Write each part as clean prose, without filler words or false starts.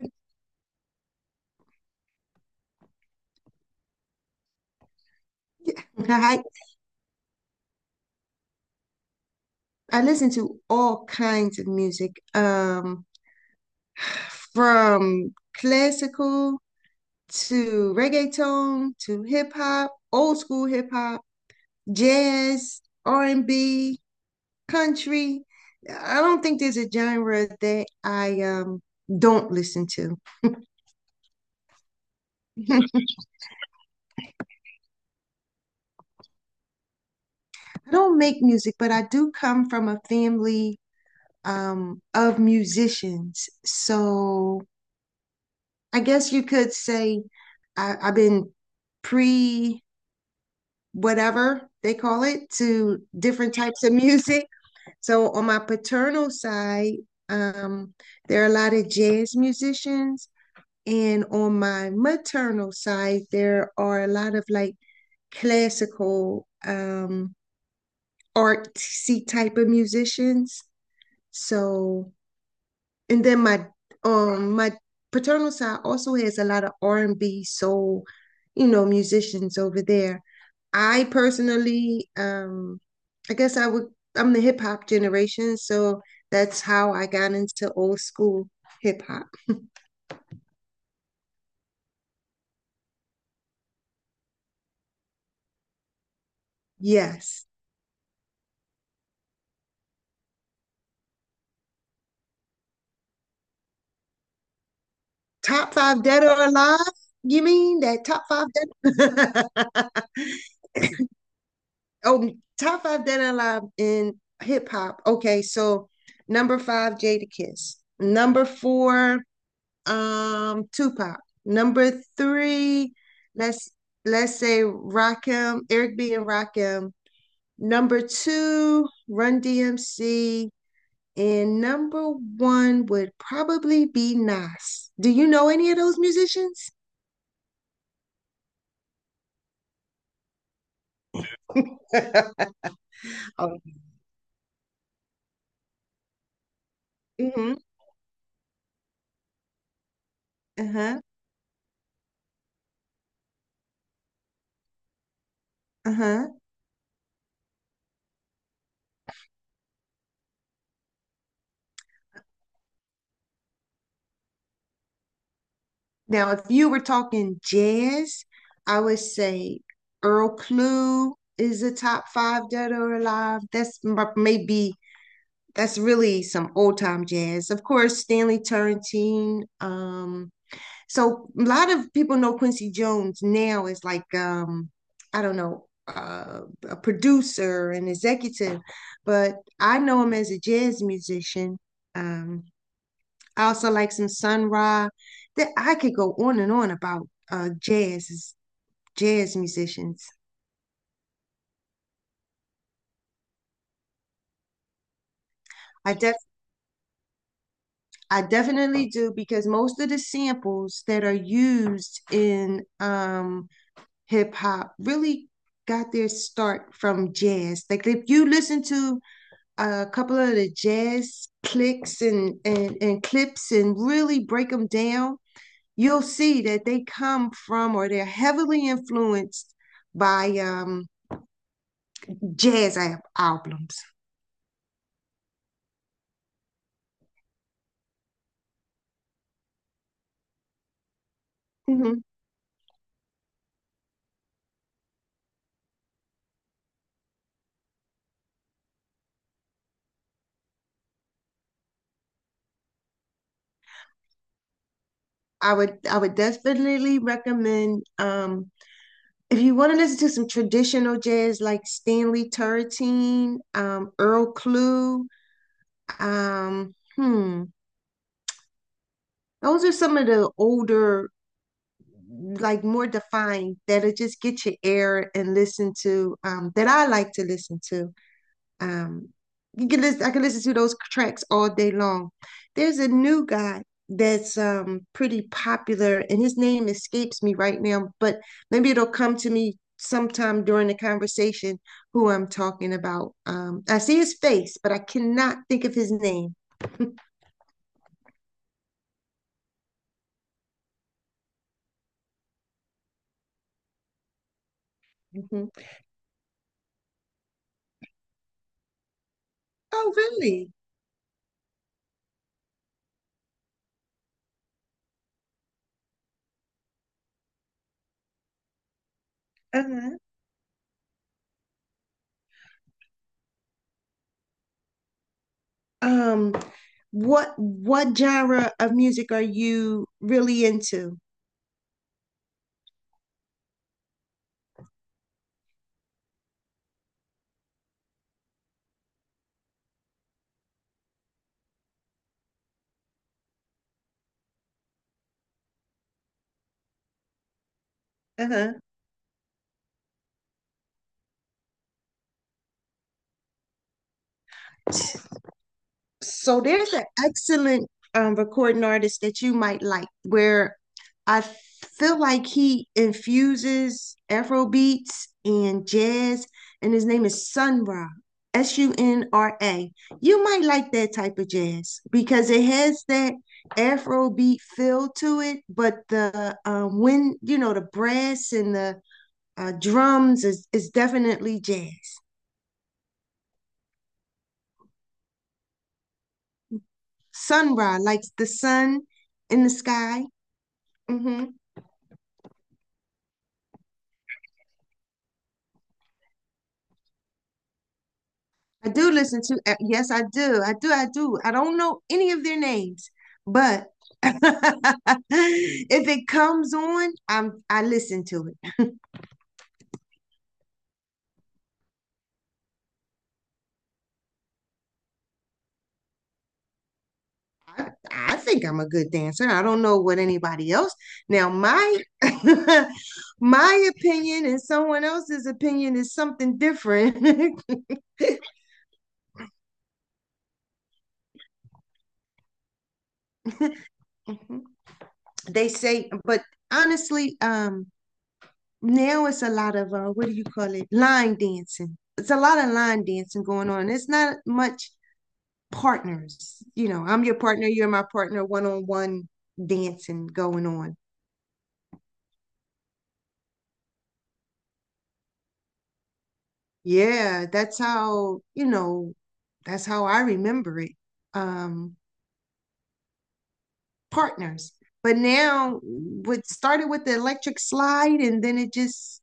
Yeah, I I listen to all kinds of music, from classical to reggaeton to hip hop, old school hip hop, jazz, R&B, country. I don't think there's a genre that I don't listen to. I don't make music, but I do come from a family of musicians. So I guess you could say I've been pre whatever they call it to different types of music. So on my paternal side, um, there are a lot of jazz musicians, and on my maternal side, there are a lot of like classical, artsy type of musicians. So And then my paternal side also has a lot of R and B soul, musicians over there. I personally, I guess I would I'm the hip hop generation, so that's how I got into old school hip hop. Yes. Top five dead or alive? You mean that top five dead? Oh, top five dead and alive in hip hop. Okay, so number five, Jada Kiss. Number four, Tupac. Number three, let's let's say Rakim, Eric B. and Rakim. Number two, Run DMC. And number one would probably be Nas. Do you know any of those musicians? Oh, hmm. Uh-huh. Uh-huh. Now, if you were talking jazz, I would say Earl Klugh is a top five dead or alive. That's maybe that's really some old time jazz. Of course, Stanley Turrentine. So a lot of people know Quincy Jones now as I don't know, a producer and executive, but I know him as a jazz musician. Um, I also like some Sun Ra. That I could go on and on about jazz musicians. I def I definitely do because most of the samples that are used in hip hop really got their start from jazz. Like if you listen to a couple of the jazz clicks and clips and really break them down, you'll see that they come from or they're heavily influenced by jazz albums. Mhm. I would definitely recommend if you want to listen to some traditional jazz like Stanley Turretine, Earl Clue, um, hmm, those are some of the older, like more defined that'll just get your air and listen to that I like to listen to. Um, I can listen to those tracks all day long. There's a new guy that's pretty popular, and his name escapes me right now, but maybe it'll come to me sometime during the conversation who I'm talking about. I see his face, but I cannot think of his name. Mhm. Oh, really? Uh-huh. Um. What genre of music are you really into? Uh-huh. So there's an excellent recording artist that you might like where I feel like he infuses Afro beats and jazz, and his name is Sun Ra, Sunra. You might like that type of jazz because it has that Afro beat feel to it, but the when you know the brass and the drums is definitely jazz. Sun Ra, like the sun in the sky. Hmm. I do listen to, yes, I do. I do. I do. I don't know any of their names, but if it comes on, I listen to it. I think I'm a good dancer. I don't know what anybody else. Now my my opinion and someone else's opinion is something different. they say, but honestly, now it's a lot of what do you call it? Line dancing. It's a lot of line dancing going on. It's not much partners. You know, I'm your partner, you're my partner, one on one dancing going on. Yeah, that's how, you know, that's how I remember it. Um, partners. But now what started with the electric slide and then it just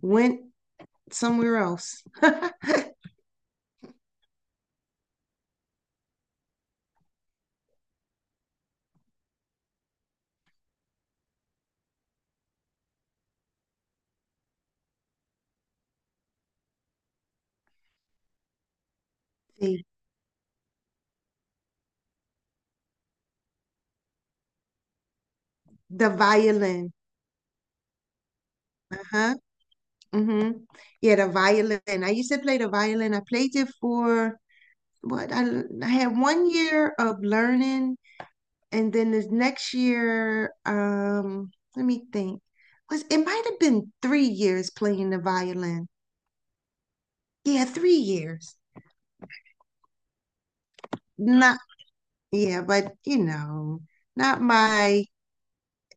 went somewhere else. The violin. Uh-huh. Mm-hmm. Yeah, the violin. I used to play the violin. I played it for what I, I had 1 year of learning and then the next year, let me think. Was it might have been 3 years playing the violin. Yeah, 3 years. Not yeah, but you know, not my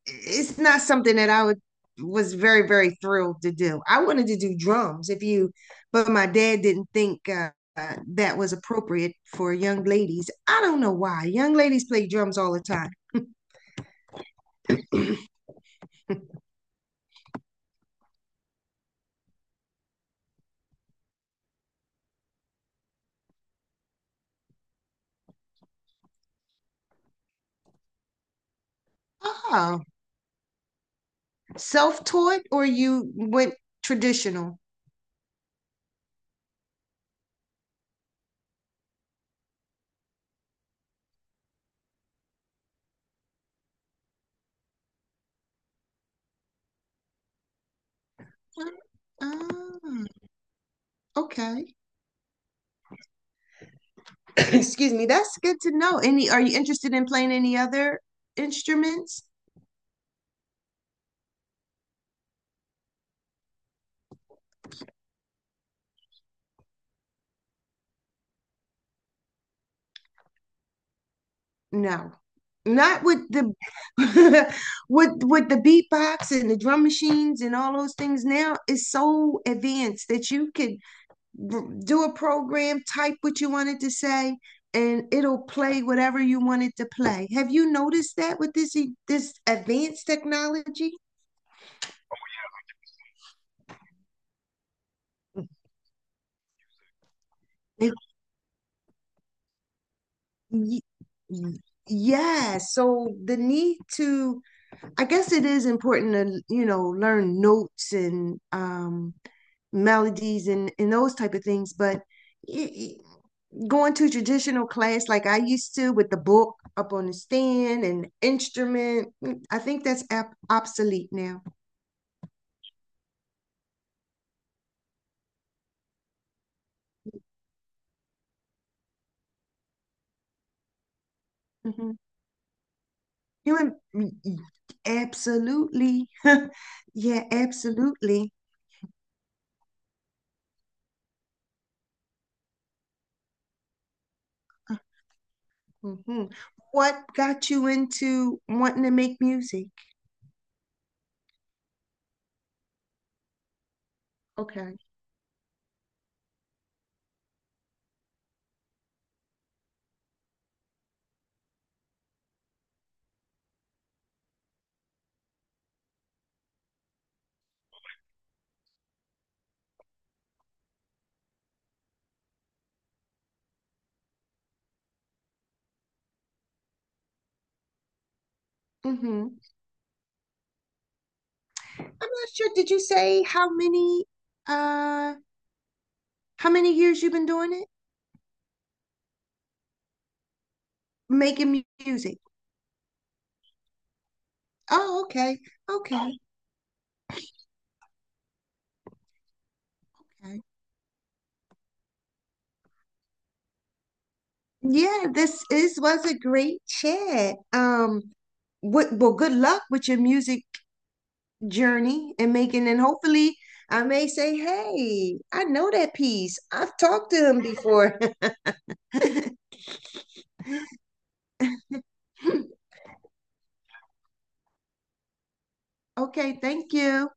it's not something that I would was very, very thrilled to do. I wanted to do drums if you but my dad didn't think that was appropriate for young ladies. I don't know why. Young ladies play drums all the time. Oh, self-taught or you went traditional? Oh, okay. Excuse me. That's good to know. Any, are you interested in playing any other instruments? No. Not with the with the beatbox and the drum machines and all those things now is so advanced that you could do a program, type what you wanted to say, and it'll play whatever you wanted to play. Have you noticed that with this advanced technology? It Y- y- Yeah, so I guess it is important to, you know, learn notes and melodies and those type of things. But y- going to traditional class like I used to with the book up on the stand and instrument, I think that's ab obsolete now. Hmm. You and- absolutely. Yeah, absolutely. Hmm. What got you into wanting to make music? Okay. Hmm. I'm not sure. Did you say how many uh how many years you've been doing it? Making music. Oh, okay. Okay. Okay. Yeah, this is was a great chat. What well, good luck with your music journey and making, and hopefully I may say, hey, I know that piece. I've talked to him before. Okay, thank you.